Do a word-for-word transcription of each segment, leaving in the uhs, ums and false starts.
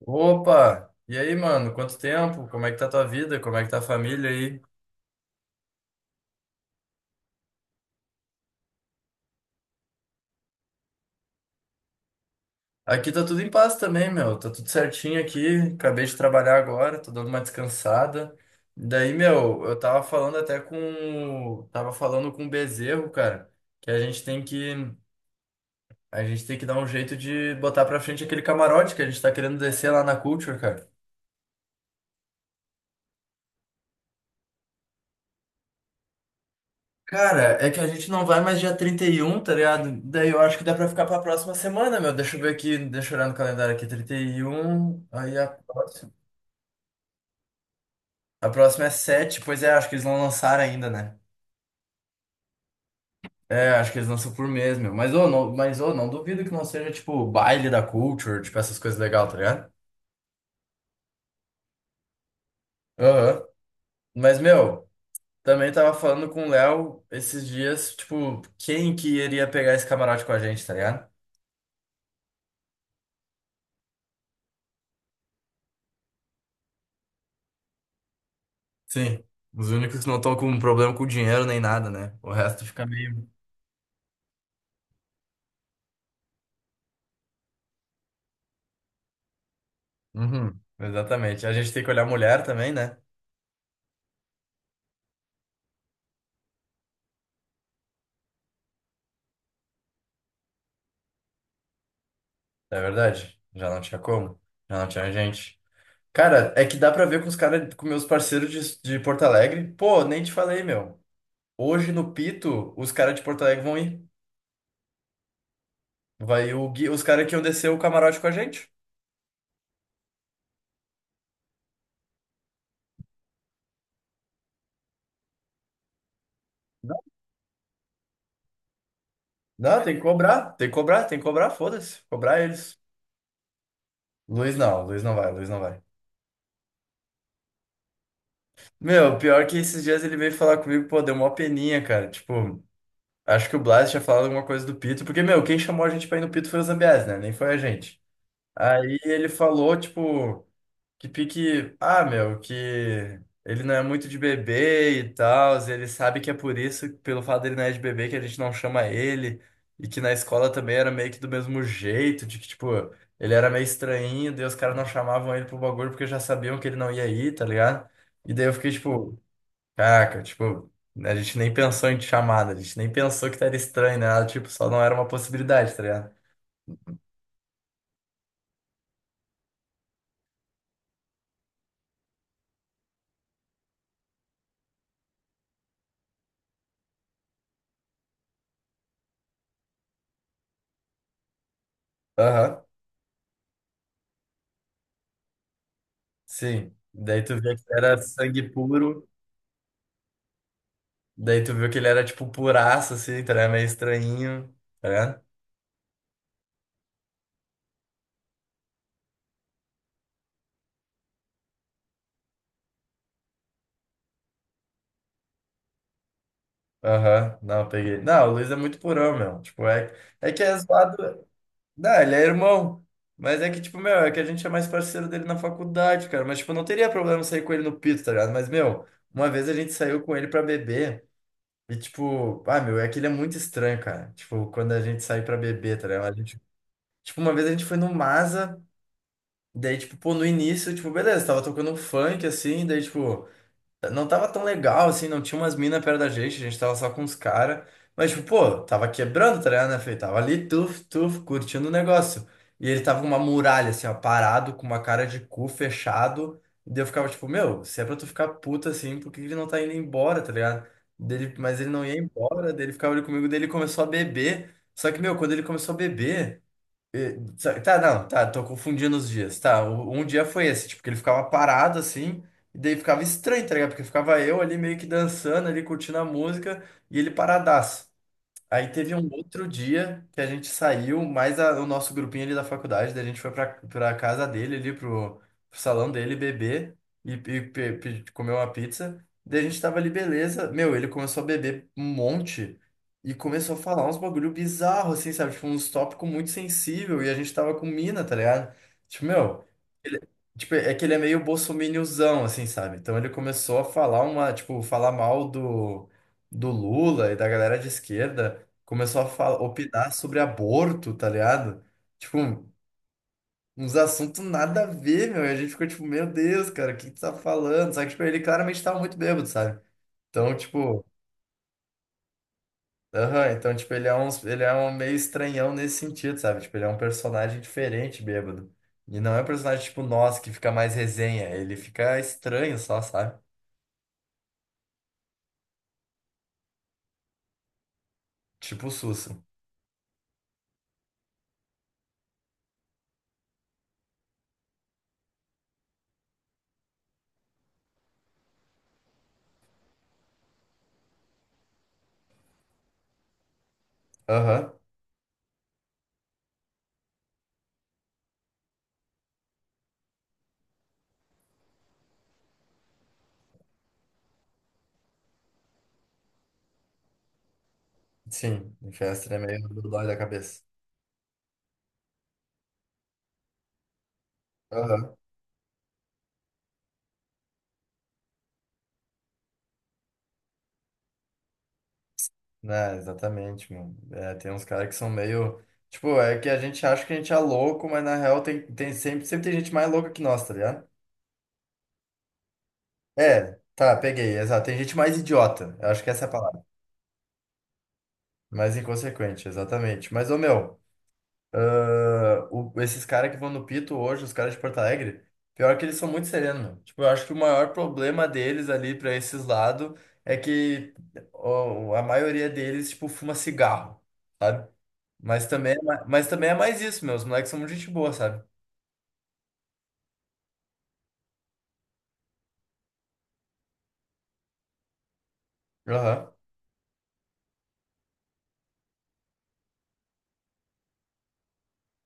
Opa! E aí, mano? Quanto tempo? Como é que tá tua vida? Como é que tá a família aí? Aqui tá tudo em paz também, meu. Tá tudo certinho aqui. Acabei de trabalhar agora, tô dando uma descansada. Daí, meu, eu tava falando até com, tava falando com o Bezerro, cara, que a gente tem que, a gente tem que dar um jeito de botar pra frente aquele camarote que a gente tá querendo descer lá na Culture, cara. Cara, é que a gente não vai mais dia trinta e um, tá ligado? Daí eu acho que dá pra ficar pra próxima semana, meu. Deixa eu ver aqui, deixa eu olhar no calendário aqui. trinta e um, aí a próxima. A próxima é sete. Pois é, acho que eles não lançaram ainda, né? É, acho que eles lançam por mês, meu. Mas, ô, não, mas, ô, não duvido que não seja, tipo, baile da culture, tipo, essas coisas legais, tá ligado? Aham. Mas, meu, também tava falando com o Léo esses dias, tipo, quem que iria pegar esse camarote com a gente, tá ligado? Sim. Os únicos que não estão com problema com dinheiro nem nada, né? O resto fica meio. Uhum. Exatamente. A gente tem que olhar a mulher também, né? É verdade. Já não tinha como. Já não tinha gente. Cara, é que dá pra ver com os caras, com meus parceiros de, de Porto Alegre. Pô, nem te falei, meu. Hoje no Pito, os caras de Porto Alegre vão ir. Vai o Gui, os caras que iam descer o camarote com a gente. Não, tem que cobrar, tem que cobrar, tem que cobrar, foda-se. Cobrar eles. Luiz não, Luiz não vai, Luiz não vai. Meu, pior que esses dias ele veio falar comigo, pô, deu uma peninha, cara. Tipo, acho que o Blas tinha falado alguma coisa do Pito, porque, meu, quem chamou a gente pra ir no Pito foi o Zambiás, né? Nem foi a gente. Aí ele falou, tipo, que pique, ah, meu, que ele não é muito de bebê e tal, ele sabe que é por isso, pelo fato dele não é de bebê, que a gente não chama ele, e que na escola também era meio que do mesmo jeito, de que, tipo, ele era meio estranho, daí os caras não chamavam ele pro bagulho porque já sabiam que ele não ia ir, tá ligado? E daí eu fiquei tipo, caraca, tipo, a gente nem pensou em te chamada, a gente nem pensou que era estranho, né? Nada, tipo, só não era uma possibilidade, tá ligado? Aham. Sim. Daí tu vê que ele era sangue puro, daí tu viu que ele era, tipo, puraço, assim, tá ligado? Meio estranhinho, tá ligado? Aham, não, peguei. Não, o Luiz é muito purão, meu. Tipo, é, é que é zoado. Não, ele é irmão. Mas é que, tipo, meu, é que a gente é mais parceiro dele na faculdade, cara. Mas, tipo, não teria problema sair com ele no pito, tá ligado? Mas, meu, uma vez a gente saiu com ele pra beber. E tipo, ah, meu, é que ele é muito estranho, cara. Tipo, quando a gente sai pra beber, tá ligado? A gente, tipo, uma vez a gente foi no Masa, daí, tipo, pô, no início, tipo, beleza, tava tocando um funk assim, daí, tipo. Não tava tão legal, assim, não tinha umas minas perto da gente, a gente tava só com os caras. Mas, tipo, pô, tava quebrando, tá ligado, né, Fê? Tava ali, tuf, tuf, curtindo o negócio. E ele tava com uma muralha, assim, ó, parado, com uma cara de cu fechado. E daí eu ficava, tipo, meu, se é pra tu ficar puto assim, por que que ele não tá indo embora, tá ligado? Dele, mas ele não ia embora, dele ficava ali comigo, dele começou a beber. Só que, meu, quando ele começou a beber. E- sa- Tá, não, tá, tô confundindo os dias. Tá, o- um dia foi esse, tipo, que ele ficava parado assim, e daí ficava estranho, tá ligado? Porque ficava eu ali meio que dançando, ali curtindo a música, e ele paradaço. Aí teve um outro dia que a gente saiu, mais a- o nosso grupinho ali da faculdade, daí a gente foi pra, pra casa dele ali, pro, pro salão dele beber e, e pe- pe- comer uma pizza. Daí a gente tava ali, beleza. Meu, ele começou a beber um monte e começou a falar uns bagulho bizarro, assim, sabe? Tipo, uns tópicos muito sensível e a gente tava com mina, tá ligado? Tipo, meu, ele- tipo, é que ele é meio bolsominiozão, assim, sabe? Então ele começou a falar uma, tipo, falar mal do do Lula e da galera de esquerda começou a falar, opinar sobre aborto, tá ligado? Tipo, uns assuntos nada a ver, meu. E a gente ficou tipo, meu Deus, cara, o que tu tá falando? Só que, tipo, ele claramente tava muito bêbado, sabe? Então, tipo, aham, então, tipo, ele é um, ele é um meio estranhão nesse sentido, sabe? Tipo, ele é um personagem diferente, bêbado. E não é um personagem tipo nós, que fica mais resenha. Ele fica estranho só, sabe? Tipo o Sussa. Aham, sim. O Chester é meio doido da cabeça. Aham. É, exatamente, mano. É, tem uns caras que são meio. Tipo, é que a gente acha que a gente é louco, mas na real tem, tem sempre, sempre tem gente mais louca que nós, tá ligado? É, tá, peguei, exato. Tem gente mais idiota. Eu acho que essa é a palavra. Mais inconsequente, exatamente. Mas, ô meu. Ah, o- esses caras que vão no Pito hoje, os caras de Porto Alegre, pior que eles são muito serenos, meu. Tipo, eu acho que o maior problema deles ali pra esses lados é que ó, a maioria deles, tipo, fuma cigarro, sabe? Mas também, é ma- mas também é mais isso, meu. Os moleques são muito gente boa, sabe? Aham,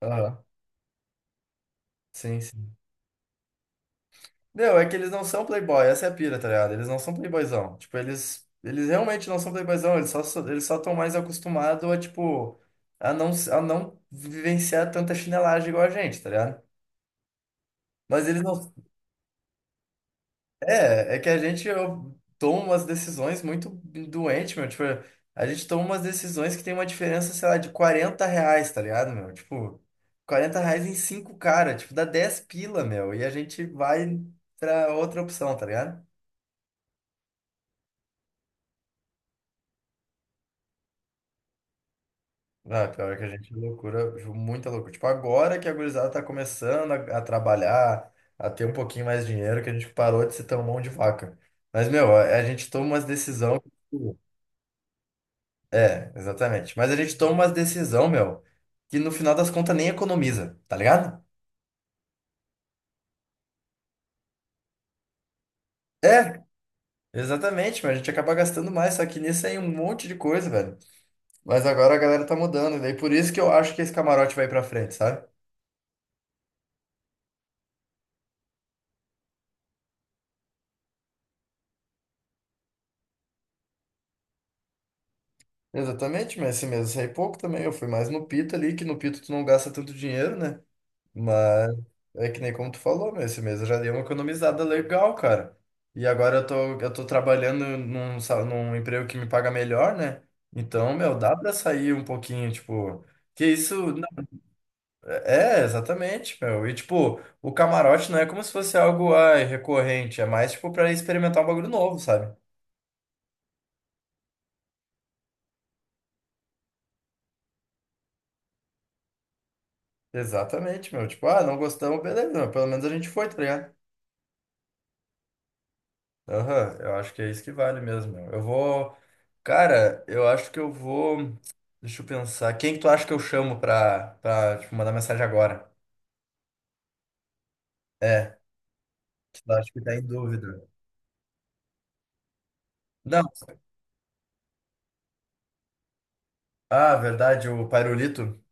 aham. Sim, sim. Não, é que eles não são playboy, essa é a pira, tá ligado? Eles não são playboyzão. Tipo, eles, eles realmente não são playboyzão, eles só, so- eles só estão mais acostumados a, tipo, a não, s- a não vivenciar tanta chinelagem igual a gente, tá ligado? Mas eles não. É, é que a gente eu, toma umas decisões muito doente, meu. Tipo, a gente toma umas decisões que tem uma diferença, sei lá, de quarenta reais, tá ligado, meu? Tipo, quarenta reais em cinco cara, tipo, dá dez pila, meu. E a gente vai pra outra opção, tá ligado? Ah, pior que a gente é loucura, ju- muita loucura. Tipo, agora que a gurizada tá começando a, a trabalhar, a ter um pouquinho mais de dinheiro, que a gente parou de ser tão mão de vaca. Mas, meu, a, a gente toma umas decisões. É, exatamente. Mas a gente toma umas decisão, meu, que no final das contas nem economiza, tá ligado? É, exatamente, mas a gente acaba gastando mais, só que nisso aí um monte de coisa, velho. Mas agora a galera tá mudando, e daí por isso que eu acho que esse camarote vai pra frente, sabe? Exatamente, mas esse mês eu saí pouco também. Eu fui mais no Pita ali, que no Pita tu não gasta tanto dinheiro, né? Mas é que nem como tu falou, meu, esse mês eu já dei uma economizada legal, cara. E agora eu tô, eu tô trabalhando num, sa- num emprego que me paga melhor, né? Então, meu, dá pra sair um pouquinho, tipo. Que isso. não- É, exatamente, meu. E, tipo, o camarote não é como se fosse algo, ai, recorrente. É mais, tipo, pra experimentar um bagulho novo, sabe? Exatamente, meu. Tipo, ah, não gostamos, beleza, meu. Pelo menos a gente foi, tá ligado? Aham, eu acho que é isso que vale mesmo. Eu vou. Cara, eu acho que eu vou. Deixa eu pensar. Quem que tu acha que eu chamo pra, pra tipo, mandar mensagem agora? É, que tu acha que tá em dúvida. Não. Ah, verdade, o Pairulito.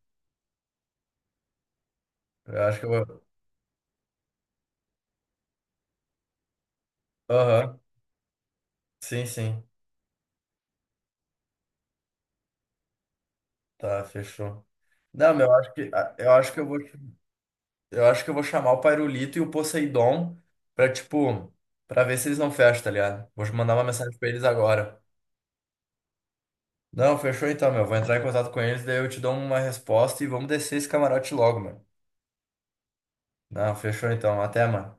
Eu acho que eu. Aham. Sim, sim. Tá, fechou. Não, mas eu acho que ah, eu acho que eu vou eu acho que eu vou chamar o Pairulito e o Poseidon pra, tipo, pra ver se eles não fecham, tá ligado? Vou mandar uma mensagem pra eles agora. Não, fechou então, meu. Vou entrar em contato com eles, daí eu te dou uma resposta e vamos descer esse camarote logo, meu. Não, fechou então. Até, mano.